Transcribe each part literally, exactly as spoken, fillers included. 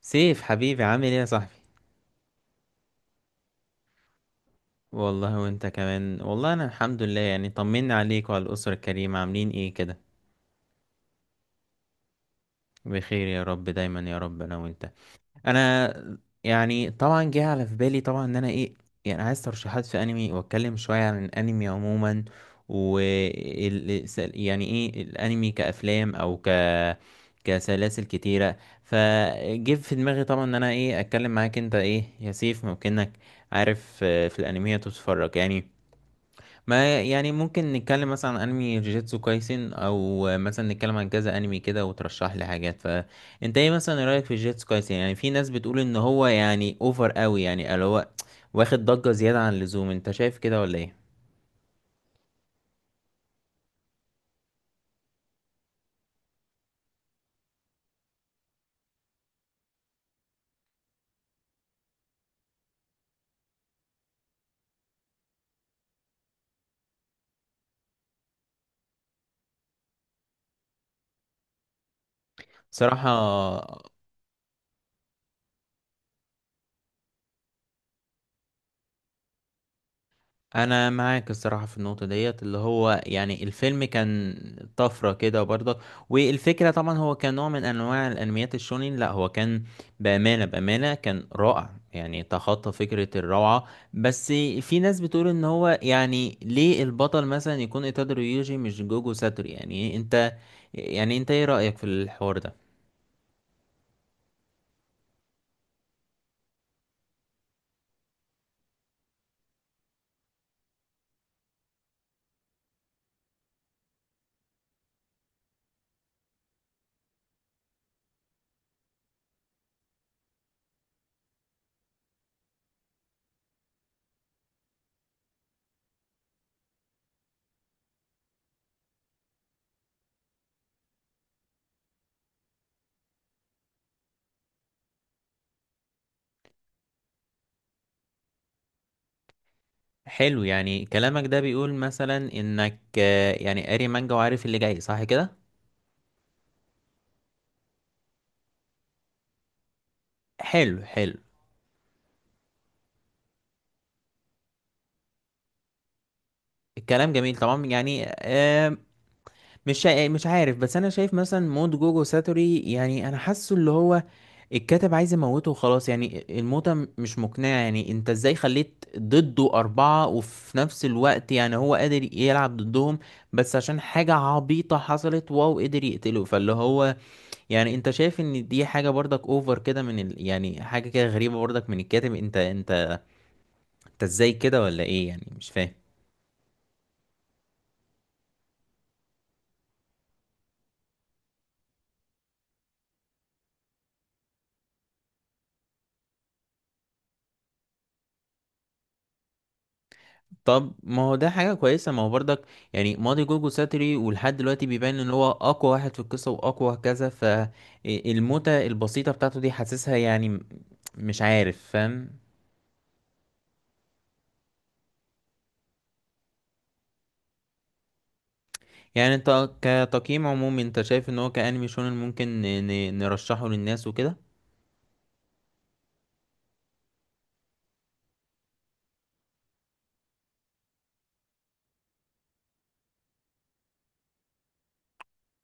سيف، حبيبي، عامل ايه يا صاحبي؟ والله وانت كمان والله. انا الحمد لله، يعني طمنا عليك وعلى الاسره الكريمه. عاملين ايه كده؟ بخير يا رب دايما يا رب، انا وانت. انا يعني طبعا جه على في بالي طبعا ان انا ايه، يعني عايز ترشيحات في انمي واتكلم شويه عن الانمي عموما. و ال- س- يعني ايه الانمي كافلام او ك كسلاسل كتيره. فجه في دماغي طبعا ان انا ايه اتكلم معاك. انت ايه يا سيف، ممكنك عارف آه، في الانميات وتتفرج يعني؟ ما يعني ممكن نتكلم مثلا عن انمي جيجيتسو كايسن، او مثلا نتكلم عن كذا انمي كده وترشح لي حاجات. فانت ايه مثلا، إيه رايك في جيجيتسو كايسن؟ يعني في ناس بتقول ان هو يعني اوفر قوي، يعني اللي هو واخد ضجة زيادة عن اللزوم. انت شايف كده ولا ايه؟ صراحة انا معاك الصراحه في النقطه ديت، اللي هو يعني الفيلم كان طفره كده برضه. والفكره طبعا هو كان نوع من انواع الانميات الشونين. لا هو كان بامانه بامانه كان رائع، يعني تخطى فكره الروعه. بس في ناس بتقول ان هو يعني ليه البطل مثلا يكون ايتادوري يوجي مش جوجو ساتورو؟ يعني انت، يعني انت ايه رايك في الحوار ده؟ حلو، يعني كلامك ده بيقول مثلا انك آه، يعني قاري مانجا وعارف اللي جاي، صح كده؟ حلو حلو، الكلام جميل طبعا يعني. آه، مش شا- آه، مش عارف، بس انا شايف مثلا موت جوجو ساتوري، يعني انا حاسه اللي هو الكاتب عايز يموته وخلاص. يعني الموتة م- مش مقنعة. يعني انت ازاي خليت ضده أربعة وفي نفس الوقت يعني هو قادر يلعب ضدهم، بس عشان حاجة عبيطة حصلت واو قدر يقتله؟ فاللي هو يعني انت شايف ان دي حاجة برضك اوفر كده من ال... يعني حاجة كده غريبة برضك من الكاتب. انت انت انت ازاي كده ولا ايه يعني، مش فاهم. طب ما هو ده حاجة كويسة، ما هو برضك يعني ماضي جوجو ساتري ولحد دلوقتي بيبان ان هو اقوى واحد في القصة واقوى كذا، فالموتة البسيطة بتاعته دي حاسسها يعني م- مش عارف، فاهم؟ يعني انت كتقييم عمومي انت شايف ان هو كأنمي شونن ممكن ن- ن- نرشحه للناس وكده؟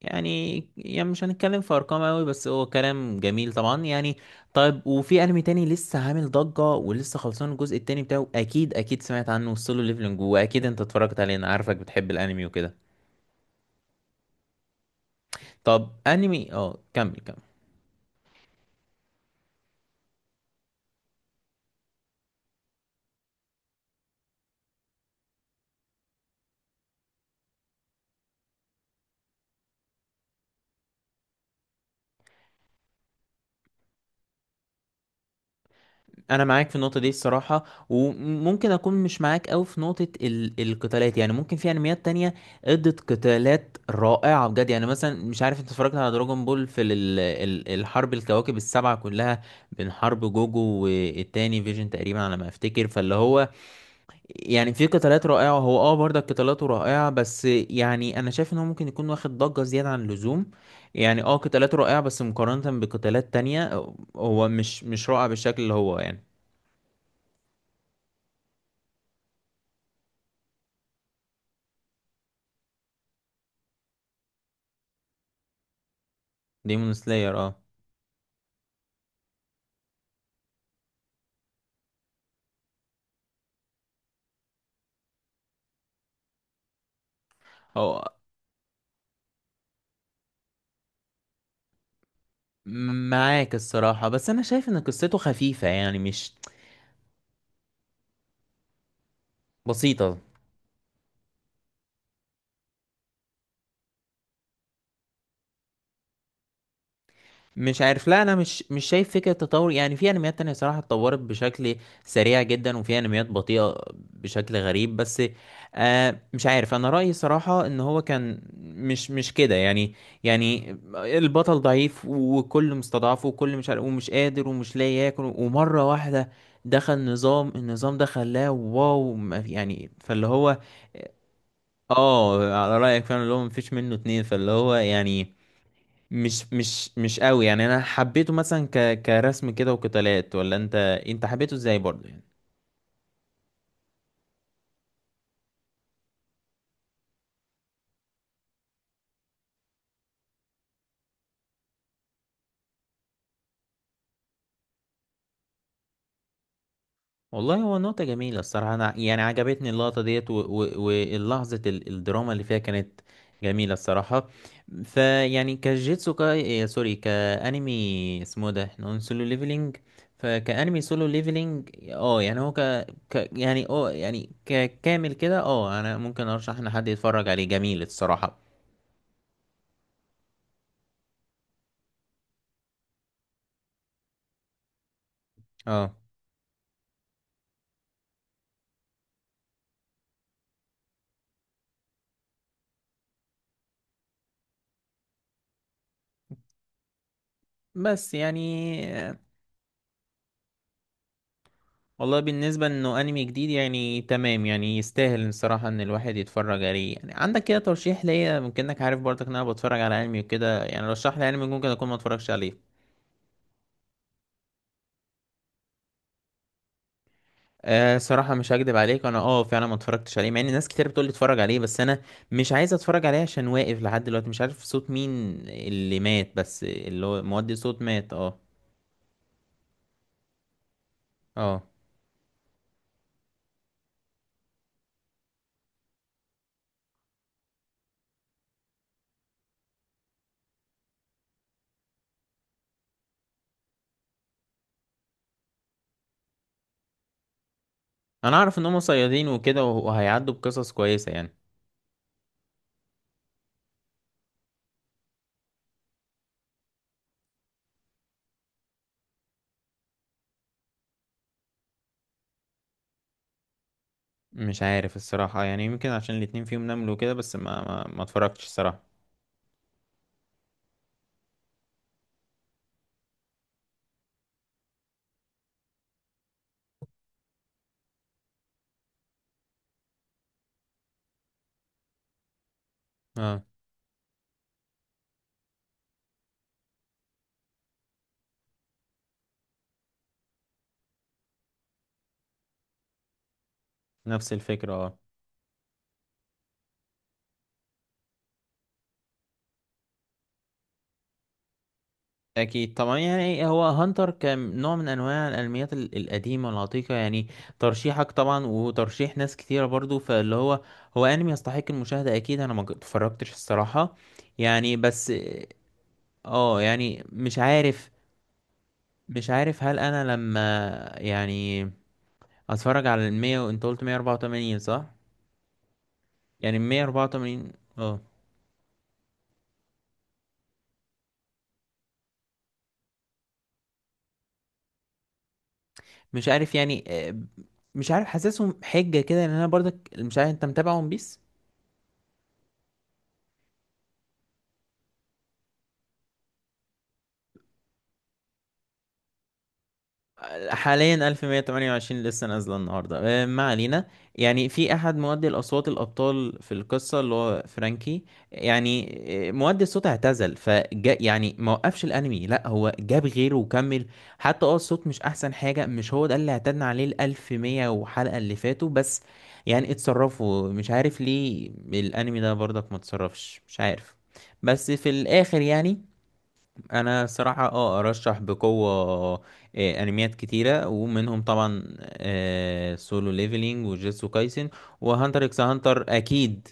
يعني يعني مش هنتكلم في ارقام قوي، بس هو كلام جميل طبعا يعني. طيب، وفي انمي تاني لسه عامل ضجة ولسه خلصان الجزء التاني بتاعه، اكيد اكيد سمعت عنه، سولو ليفلنج، واكيد انت اتفرجت عليه. انا عارفك بتحب الانمي وكده. طب انمي، اه كمل كمل. انا معاك في النقطه دي الصراحه، وممكن اكون مش معاك قوي في نقطه ال القتالات. يعني ممكن في انميات تانية ادت قتالات رائعه بجد. يعني مثلا، مش عارف انت اتفرجت على دراجون بول في ال ال الحرب الكواكب السبعه كلها بين حرب جوجو والتاني فيجن تقريبا على ما افتكر؟ فاللي هو يعني في قتالات رائعه. هو اه برضه قتالاته رائعه، بس يعني انا شايف ان هو ممكن يكون واخد ضجه زياده عن اللزوم. يعني اه قتالاته رائعه بس مقارنه بقتالات تانية هو مش مش رائع بالشكل اللي هو يعني. ديمون سلاير، اه. هو معاك الصراحة، بس أنا شايف إن قصته خفيفة يعني، مش بسيطة. مش عارف، لا انا مش مش شايف فكره تطور. يعني في انميات تانية صراحه اتطورت بشكل سريع جدا، وفي انميات بطيئه بشكل غريب. بس آه مش عارف، انا رايي صراحه ان هو كان مش مش كده يعني. يعني البطل ضعيف وكل مستضعف وكل مش عارف ومش قادر ومش لاقي ياكل، ومره واحده دخل نظام، النظام ده خلاه واو، ما- يعني فاللي هو. اه، على رايك فعلا اللي هو مفيش منه اتنين. فاللي هو يعني مش مش مش قوي. يعني انا حبيته مثلا ك كرسم كده وقتالات، ولا انت، انت حبيته ازاي برضو يعني؟ والله هو نقطة جميلة الصراحة. أنا يعني عجبتني اللقطة ديت، و- و- واللحظة ال- الدراما اللي فيها كانت جميلة الصراحة. فيعني كجيتسو كاي إيه، سوري، كأنمي اسمه ده احنا قلنا سولو ليفلينج. فكأنمي سولو ليفلينج، اه يعني هو ك, ك يعني اه يعني ككامل كده اه أنا ممكن أرشح إن حد يتفرج عليه، جميل الصراحة. اه، بس يعني والله بالنسبة انه انمي جديد، يعني تمام، يعني يستاهل الصراحة ان الواحد يتفرج عليه. يعني عندك كده ترشيح ليا؟ ممكن انك عارف برضك ان انا بتفرج على انمي وكده، يعني رشح لي انمي ممكن اكون ما اتفرجش عليه. أه، صراحة مش هكدب عليك، انا اه فعلا ما اتفرجتش عليه. مع ان ناس كتير بتقول لي اتفرج عليه، بس انا مش عايز اتفرج عليه عشان واقف لحد دلوقتي مش عارف صوت مين اللي مات، بس اللي هو مودي صوت مات، اه. اه، انا اعرف ان هم صيادين وكده وهيعدوا بقصص كويسة يعني. مش عارف الصراحة، يعني يمكن عشان الاتنين فيهم نملوا كده، بس ما ما, ما اتفرجتش الصراحة. اه، نفس الفكرة، اه. أكيد طبعا يعني هو هانتر كنوع من أنواع الأنميات ال- القديمة العتيقة يعني. ترشيحك طبعا، وترشيح ناس كتيرة برضو، فاللي هو، هو أنمي يستحق المشاهدة أكيد. أنا ما ج- اتفرجتش الصراحة يعني. بس اه يعني مش عارف، مش عارف هل أنا لما يعني أتفرج على المية، وأنت قلت مية أربعة وتمانين، صح؟ يعني مية أربعة وتمانين، اه. مش عارف يعني، آه، مش عارف، حاسسهم حجة كده، لان انا برضك مش عارف. انت متابع ون بيس؟ حاليا ألف مية تمانية وعشرين لسه نازلة النهاردة. آه، ما علينا. يعني في أحد مؤدي الأصوات الأبطال في القصة اللي هو فرانكي يعني، آه، مؤدي الصوت اعتزل فجا. يعني ما وقفش الأنمي، لا هو جاب غيره وكمل. حتى اه الصوت مش أحسن حاجة، مش هو ده اللي اعتدنا عليه الألف مية وحلقة اللي فاتوا، بس يعني اتصرفوا. مش عارف ليه الأنمي ده برضك ما اتصرفش، مش عارف. بس في الآخر يعني انا صراحة اه ارشح بقوة آه، انميات كتيرة، ومنهم طبعا سولو ليفلينج وجيتسو كايسن وهانتر اكس هانتر اكيد.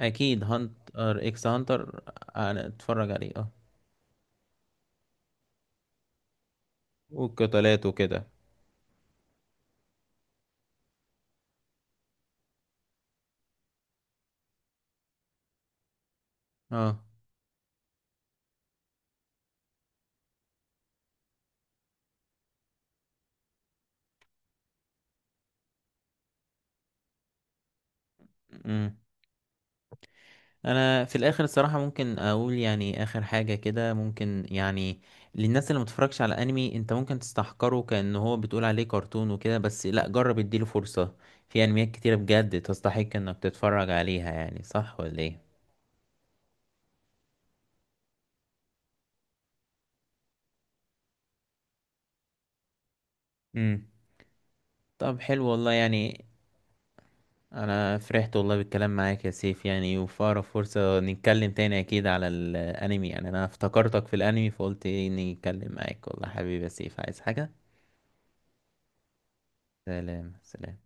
اكيد هانتر اكس هانتر، انا اتفرج عليه، اه، والقتالات وكده. اه، انا في الاخر الصراحه ممكن اقول يعني اخر حاجه كده، ممكن يعني للناس اللي متفرجش على انمي، انت ممكن تستحقره كأن هو بتقول عليه كرتون وكده، بس لا، جرب اديله فرصه. في انميات كتيره بجد تستحق انك تتفرج عليها، يعني صح ولا ايه؟ امم. طب حلو والله يعني، انا فرحت والله بالكلام معاك يا سيف. يعني وفي اقرب فرصه نتكلم تاني اكيد على الانمي. يعني انا افتكرتك في الانمي فقلت اني اتكلم معاك، والله. حبيبي يا سيف، عايز حاجه؟ سلام سلام.